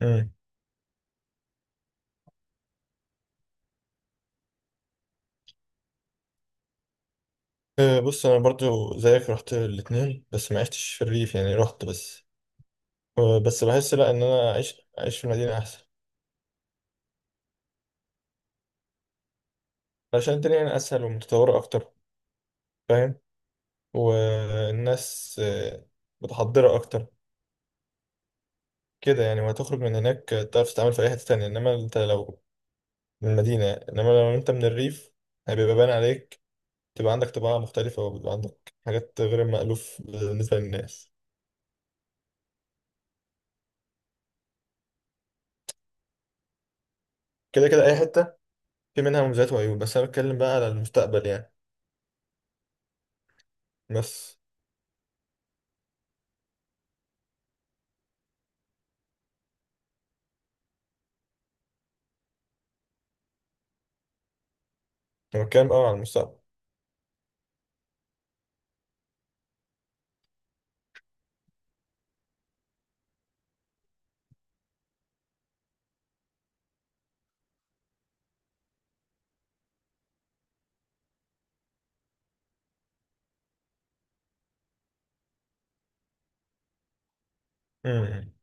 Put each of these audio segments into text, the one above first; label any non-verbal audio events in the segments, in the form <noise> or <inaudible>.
مم. بص انا برضو زيك رحت الاتنين، بس ما عشتش في الريف، يعني رحت بس. بس بحس لا ان انا اعيش في المدينه احسن. عشان الدنيا هنا اسهل ومتطوره اكتر، فاهم؟ والناس متحضره اكتر كده يعني. وهتخرج من هناك تعرف تتعامل في اي حته تانية، انما انت لو من المدينه، انما لو انت من الريف هيبقى باين عليك، تبقى عندك طباع مختلفه وبيبقى عندك حاجات غير مألوف بالنسبه للناس. كده كده اي حته في منها مميزات وعيوب، بس انا بتكلم بقى على المستقبل يعني. بس هو كام على المستقبل. امم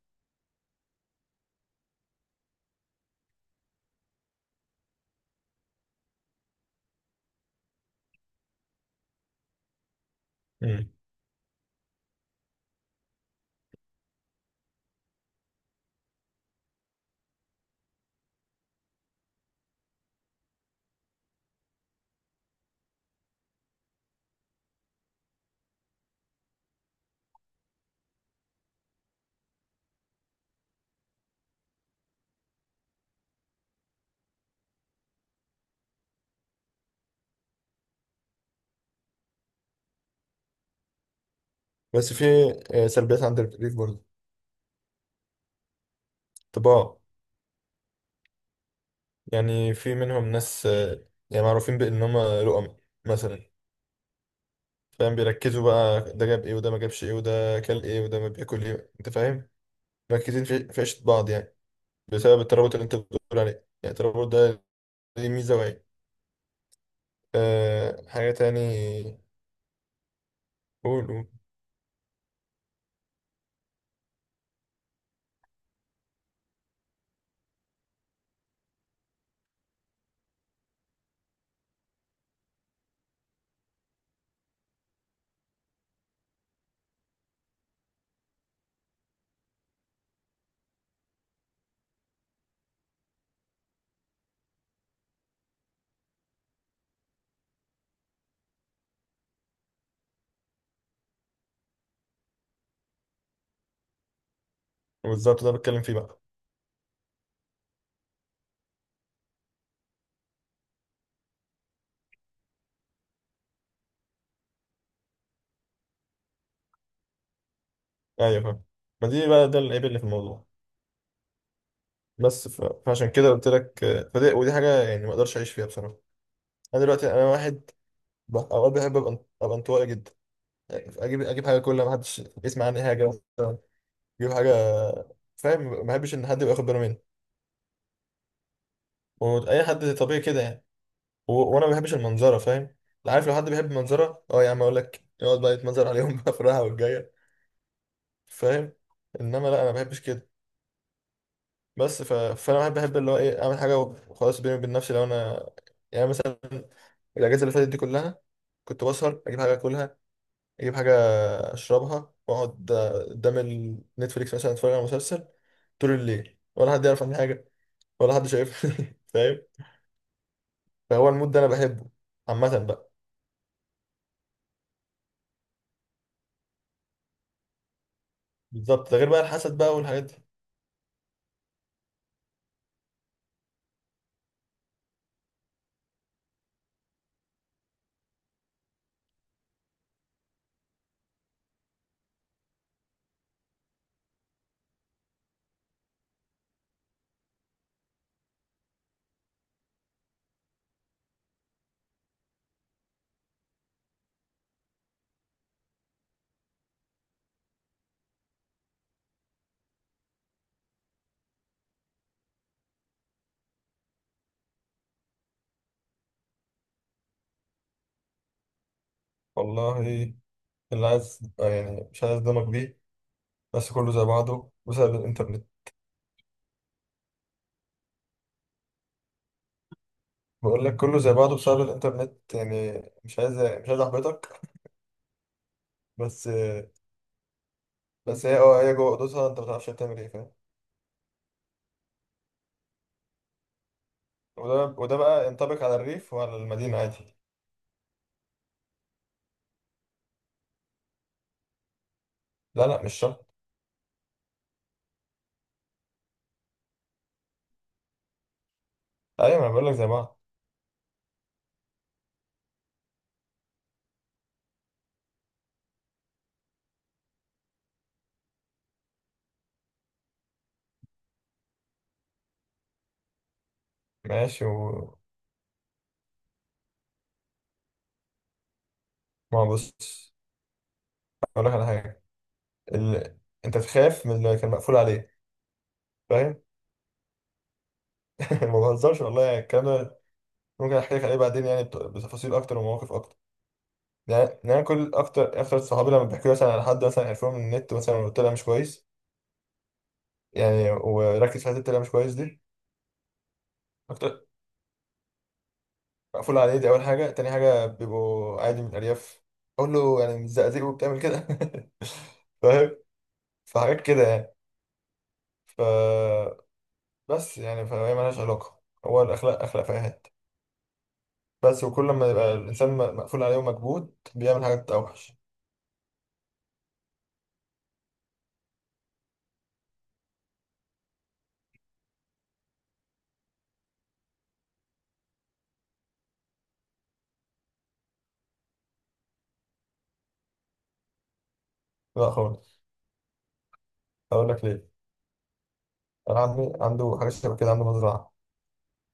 امم بس في سلبيات عند الريف برضه. طباع. يعني في منهم ناس، يعني معروفين بان هم لقم مثلا، فاهم؟ بيركزوا بقى ده جاب ايه وده ما جابش ايه وده كل ايه وده ما بياكل ايه، انت فاهم؟ مركزين في عيشة بعض، يعني بسبب الترابط اللي انت بتقول عليه. يعني الترابط ده ليه ميزة وعيب. حاجة تاني. قول قول. بالظبط، ده بتكلم فيه بقى. ايوه فاهم. ما دي بقى ده العيب اللي في الموضوع. بس فعشان كده قلت لك، فدي ودي حاجه يعني ما اقدرش اعيش فيها بصراحه. انا دلوقتي انا واحد، اوقات بحب ابقى انطوائي جدا. يعني اجيب حاجه كلها، ما حدش يسمع عني حاجه مثلا. اجيب حاجه، فاهم؟ ما بحبش ان حد يبقى واخد باله مني. واي حد طبيعي كده يعني. وانا ما بحبش المنظره، فاهم؟ عارف لو حد بيحب المنظره، اه يا عم اقول لك يقعد بقى يتمنظر عليهم <laughs> بقى في الراحه والجايه، فاهم؟ انما لا، انا ما بحبش كده. بس فانا بحب اللي هو ايه، اعمل حاجه وخلاص بيني وبين نفسي. لو انا يعني مثلا الاجازه اللي فاتت دي كلها، كنت بسهر اجيب حاجه اكلها، اجيب حاجه اشربها واقعد قدام النتفليكس مثلا، اتفرج على مسلسل طول الليل، ولا حد يعرف عني حاجه، ولا حد شايفني <laughs> فاهم؟ فهو المود ده انا بحبه عامه بقى. بالظبط، ده غير بقى الحسد بقى والحاجات دي. والله، اللي عايز يعني مش عايز اصدمك بيه، بس كله زي بعضه بسبب الانترنت. بقول لك كله زي بعضه بسبب الانترنت يعني، مش عايز احبطك. بس بس هي جوه اوضتها انت ما تعرفش هتعمل ايه، فاهم؟ وده بقى ينطبق على الريف وعلى المدينة عادي. لا لا، مش شرط. ايوه، ما انا بقول لك زي بعض. ماشي، و ما هو بص اقول لك على حاجة. ال... انت تخاف من اللي كان مقفول عليه، فاهم؟ <laughs> ما بهزرش والله يعني الكلام ده. ممكن احكي لك عليه بعدين يعني بتفاصيل اكتر ومواقف اكتر. يعني أنا كل اكتر اكتر صحابي لما بيحكوا لي مثلا على حد مثلا عرفوه من النت مثلا وطلع مش كويس، يعني وركز في حته طلع مش كويس دي. اكتر، مقفول عليه دي اول حاجه. تاني حاجه بيبقوا عادي من الارياف، اقول له يعني مش زقازيق وبتعمل كده <laughs> فاهم؟ فحاجات كده يعني. ف بس يعني فهي مالهاش علاقة، هو الأخلاق أخلاق فاهات. بس وكل ما يبقى الإنسان مقفول عليه ومكبوت بيعمل حاجات أوحش. لا خالص. هقول لك ليه. أنا عمي عنده حاجة شبه كده، عنده مزرعة.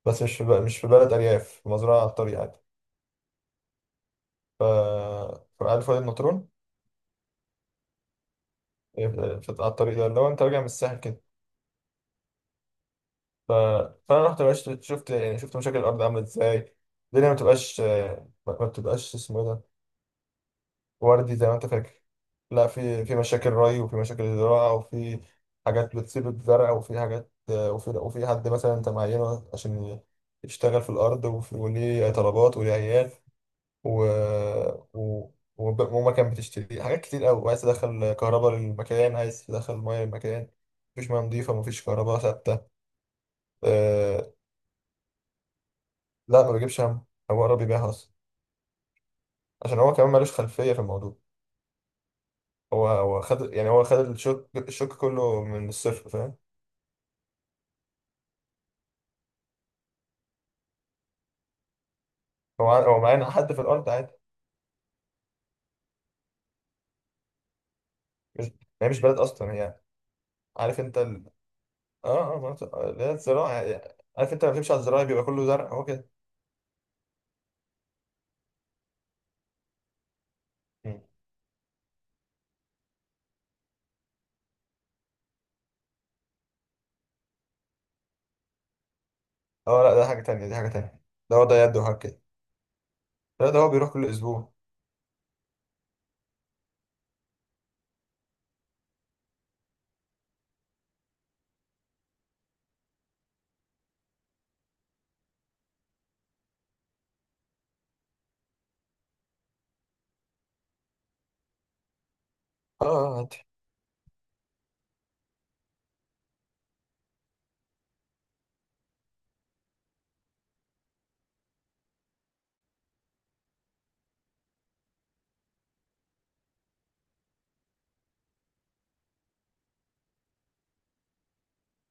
بس مش في بلد أرياف، في مزرعة على الطريق عادي. ف فعارف وادي النطرون؟ على الطريق ده اللي هو أنت راجع من الساحل كده. ف... فأنا رحت بقى، شفت يعني شفت مشاكل الأرض عاملة إزاي. الدنيا ما بتبقاش، ما ما بتبقاش اسمه إيه ده، وردي زي ما انت فاكر. لا، في مشاكل ري، وفي مشاكل زراعة، وفي حاجات بتصيب الزرع، وفي حاجات، وفي حد مثلا انت معينه عشان يشتغل في الأرض، وليه طلبات وليه عيال، و... و... ومكان بتشتري حاجات كتير أوي، وعايز تدخل كهرباء للمكان، عايز تدخل مية للمكان. مفيش مية نضيفة، مفيش كهرباء ثابتة. أه... لا ما بيجيبش هم، هو قرب يبيعها أصلا، عشان هو كمان مالوش خلفية في الموضوع. هو خد، يعني هو خد الشوك الشوك كله من الصفر، فاهم؟ هو معانا حد في الارض عادي. مش هي مش بلد اصلا هي. عارف انت اه اه، مناطق اللي هي الزراعه يعني. عارف انت لما بتمشي على الزراعه بيبقى كله زرع، هو كده. مم. اه لا، ده حاجه تانية، دي حاجه تانية. ده هو ده يد وحاجه كده. لا ده هو بيروح كل اسبوع. اه، آه، آه، عادي.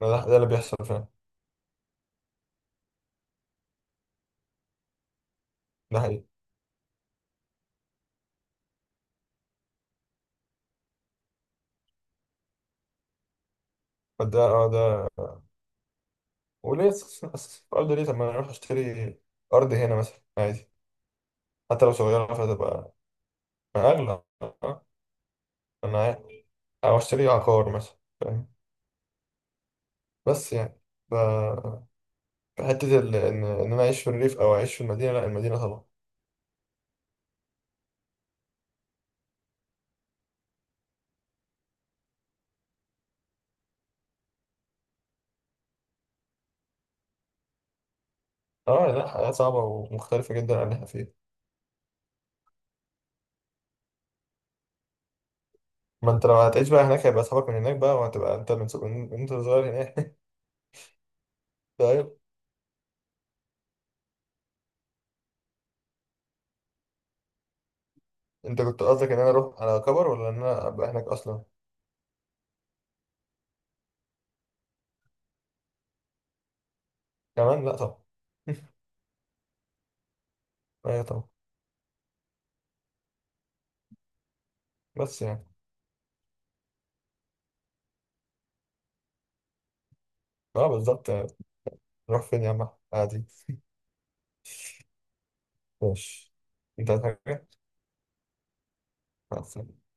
ده اللي بيحصل فعلا. ده حقيقي. ده. وليه الارض ليه؟ طب ما انا اروح اشتري ارض هنا مثلا عادي، حتى لو صغيره فتبقى اغلى. انا عارف. او اشتري عقار مثلا، فاهم؟ بس يعني حتة إن أنا أعيش في الريف أو أعيش في المدينة، لا المدينة طبعا. يعني لا، حياة صعبة ومختلفة جدا عن اللي إحنا فيه. ما أنت لو هتعيش بقى هناك هيبقى أصحابك من هناك بقى، وهتبقى أنت من من أنت صغير هناك. <laughs> طيب. أنت كنت قصدك إن أنا أروح على كبر، ولا إن أنا أبقى هناك أصلا؟ كمان لا طبعا. <laughs> أيوة طبعا. بس يعني. أه، بالظبط. نروح فين يا عم عادي. <laughs> ماشي. أنت عايز حاجة؟ مع السلامة.